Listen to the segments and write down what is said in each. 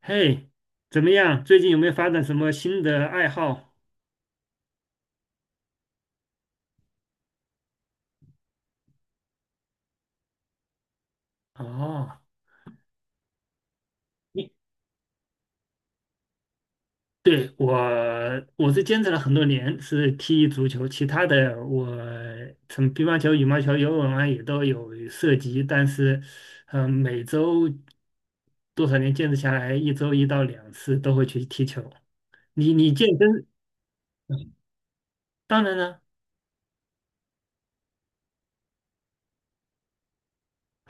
嘿，怎么样？最近有没有发展什么新的爱好？哦，你对我，我是坚持了很多年，是踢足球，其他的我从乒乓球、羽毛球、游泳啊也都有涉及，但是，每周多少年坚持下来，一周一到两次都会去踢球。你健身，当然了，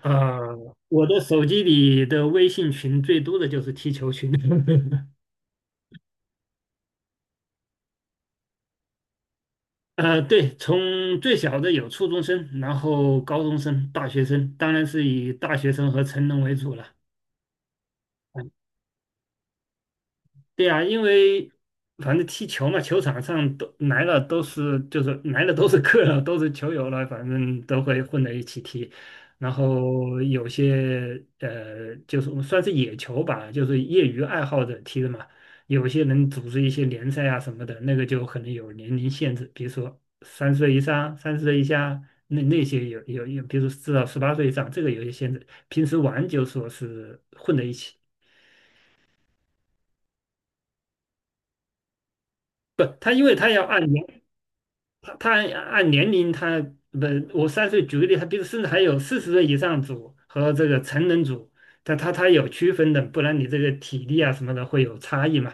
呃，我的手机里的微信群最多的就是踢球群。呃，对，从最小的有初中生，然后高中生、大学生，当然是以大学生和成人为主了。对呀，因为反正踢球嘛，球场上都来了都是就是来了都是客了，都是球友了，反正都会混在一起踢。然后有些就是我们算是野球吧，就是业余爱好者踢的嘛。有些人组织一些联赛啊什么的，那个就可能有年龄限制，比如说3岁以上、30岁以下，那那些有有有，比如说至少18岁以上，这个有些限制。平时玩就说是混在一起。不，他因为他要按年。他按年龄他，不，我3岁举个例，他比如甚至还有40岁以上组和这个成人组，他有区分的，不然你这个体力啊什么的会有差异嘛。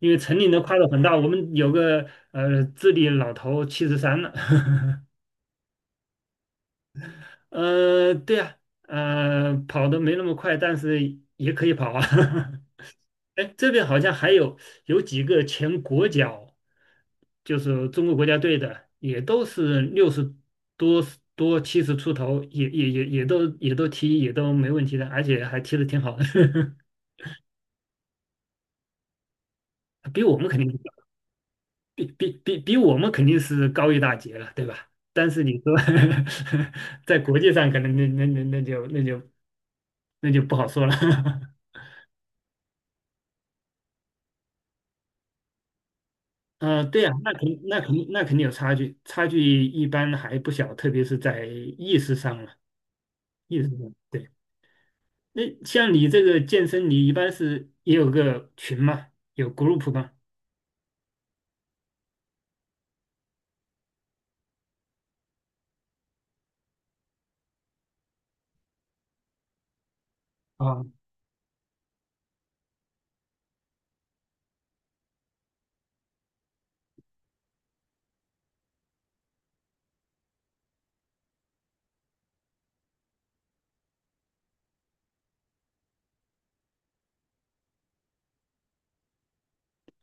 因为成年的跨度很大，我们有个智力老头73了，呃，对啊，呃，跑的没那么快，但是也可以跑啊。哎，这边好像还有有几个前国脚，就是中国国家队的，也都是六十多多七十出头，也都踢也都没问题的，而且还踢得挺好的，比我们肯定比我们肯定是高一大截了，对吧？但是你说 在国际上，可能那就不好说了。呃，对呀，那肯定有差距，差距一般还不小，特别是在意识上了。意思是对。那像你这个健身，你一般是也有个群嘛？有 group 吗？啊。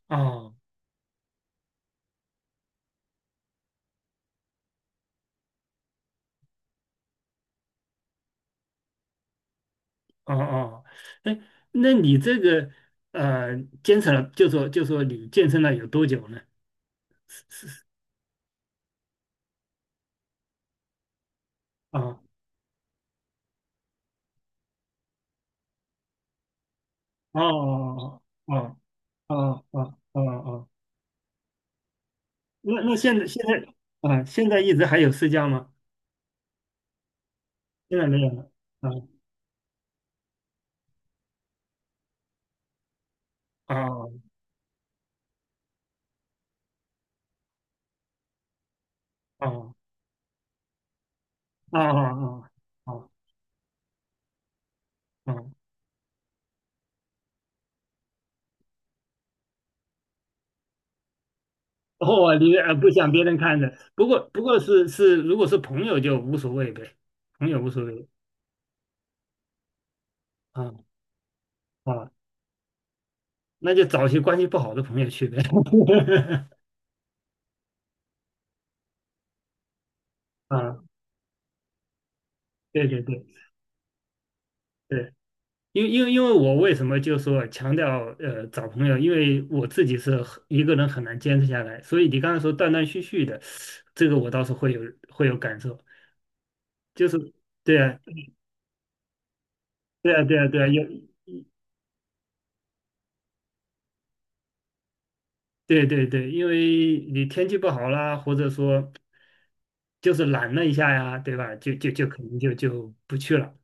哦哦哦，哎，那你这个呃，坚持了，就说你健身了有多久呢？啊哦哦哦哦哦哦哦，那现在啊，现在一直还有私教吗？现在没有了。啊哦哦哦哦哦哦。哦，你不想别人看着，不过是是，如果是朋友就无所谓呗，朋友无所谓啊啊，那就找些关系不好的朋友去呗。啊，对对对对，因为我为什么就说强调找朋友，因为我自己是很一个人很难坚持下来，所以你刚才说断断续续的，这个我倒是会有会有感受，就是对啊对啊对啊对啊，有对对对，因为你天气不好啦，或者说。就是懒了一下呀，对吧？就可能就不去了，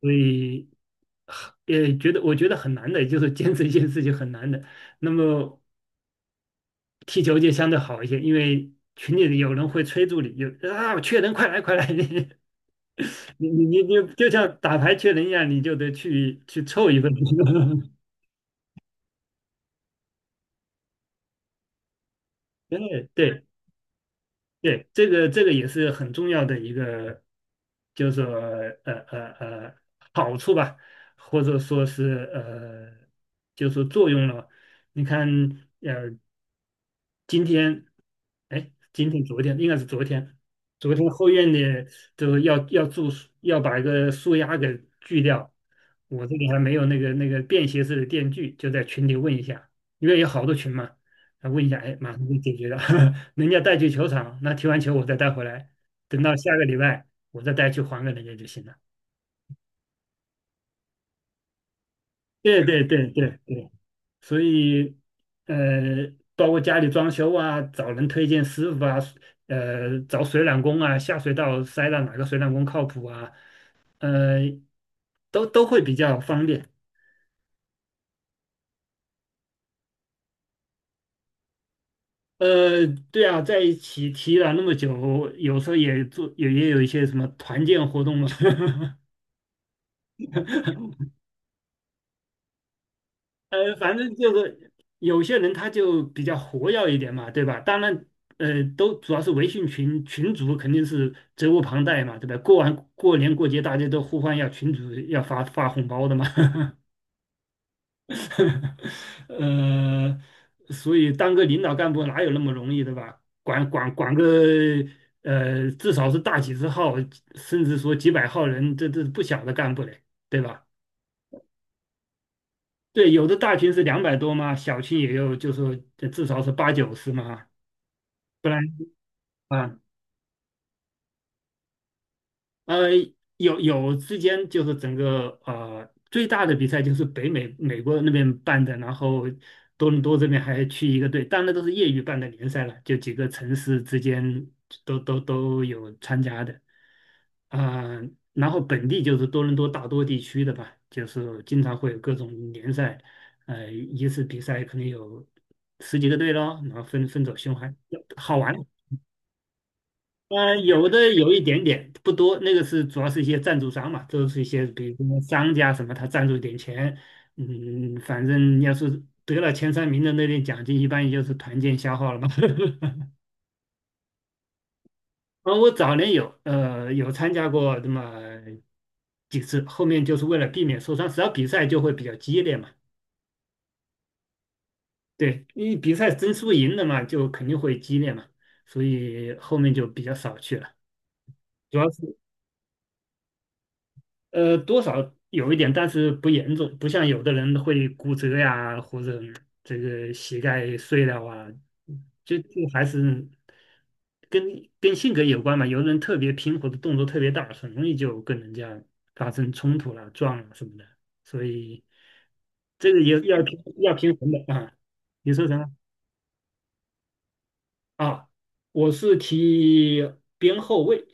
所以很也觉得我觉得很难的，就是坚持一件事情很难的。那么踢球就相对好一些，因为群里有人会催促你，有啊缺人快来快来，你就像打牌缺人一样，你就得去凑一份。真的对，对，这个这个也是很重要的一个，就是说呃呃呃好处吧，或者说是就是说作用了。你看，呃，今天，哎，今天昨天应该是昨天，昨天后院的就是要种树，要把一个树丫给锯掉。我这里还没有那个便携式的电锯，就在群里问一下，因为有好多群嘛，啊问一下，哎，马上就解决了。人家带去球场，那踢完球我再带回来，等到下个礼拜我再带去还给人家就行了。对对对对对，所以包括家里装修啊，找人推荐师傅啊，找水暖工啊，下水道塞到哪个水暖工靠谱啊，呃，都会比较方便。呃，对啊，在一起提了那么久，有时候也做也也有一些什么团建活动嘛。反正就是有些人他就比较活跃一点嘛，对吧？当然，都主要是微信群群主肯定是责无旁贷嘛，对吧？过完过年过节，大家都呼唤要群主要发发红包的嘛，呃，所以当个领导干部哪有那么容易，对吧？管个至少是大几十号，甚至说几百号人，这是不小的干部嘞，对吧？对，有的大群是200多嘛，小群也有，就说至少是八九十嘛，不然啊，呃，有有之间就是整个最大的比赛就是北美美国那边办的，然后多伦多这边还去一个队，当然都是业余办的联赛了，就几个城市之间都有参加的。啊、然后本地就是多伦多大多地区的吧，就是经常会有各种联赛，一次比赛可能有十几个队咯，然后分走循环，好玩，嗯，有的有一点点，不多。那个是主要是一些赞助商嘛，都是一些比如什么商家什么，他赞助一点钱。嗯，反正要是得了前三名的那点奖金，一般也就是团建消耗了嘛。啊，我早年有有参加过那么几次，后面就是为了避免受伤，只要比赛就会比较激烈嘛。对，因为比赛争输赢的嘛，就肯定会激烈嘛，所以后面就比较少去了。主要是。多少有一点，但是不严重，不像有的人会骨折呀，或者这个膝盖碎了啊，就还是跟跟性格有关嘛。有的人特别平和的动作特别大，很容易就跟人家发生冲突了、撞了什么的。所以这个也要平衡的啊。你说什么啊？我是踢边后卫，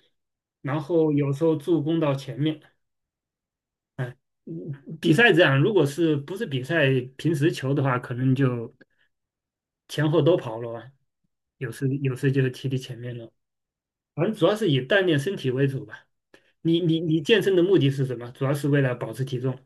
然后有时候助攻到前面。嗯，比赛这样，如果是不是比赛，平时球的话，可能就前后都跑了吧，有时就踢踢前面了。反正主要是以锻炼身体为主吧。你健身的目的是什么？主要是为了保持体重。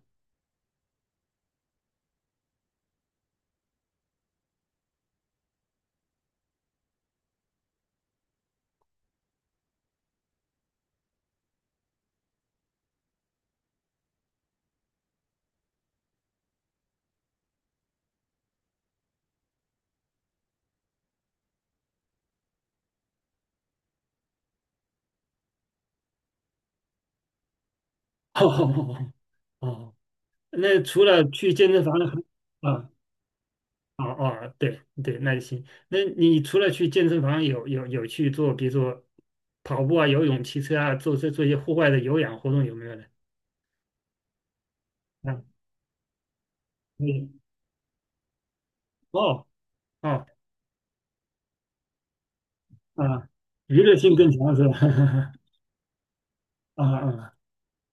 哦哦，那除了去健身房还，啊哦哦，对对，那就行。那你除了去健身房有有去做，比如说跑步啊、游泳、骑车啊，做这做一些户外的有氧活动有没有呢？啊，嗯，哦。哦啊，娱乐性更强是吧？啊啊，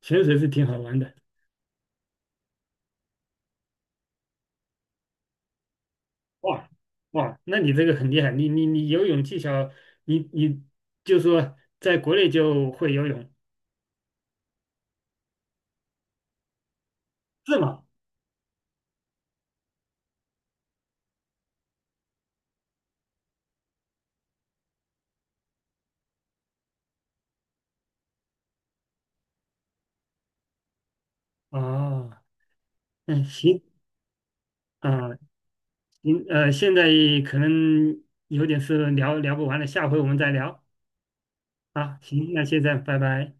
潜水是挺好玩的。哇哇，那你这个很厉害，你游泳技巧，你你就说在国内就会游泳是吗？啊，嗯，行啊，行现在可能有点事聊不完了，下回我们再聊啊。行，那现在拜拜。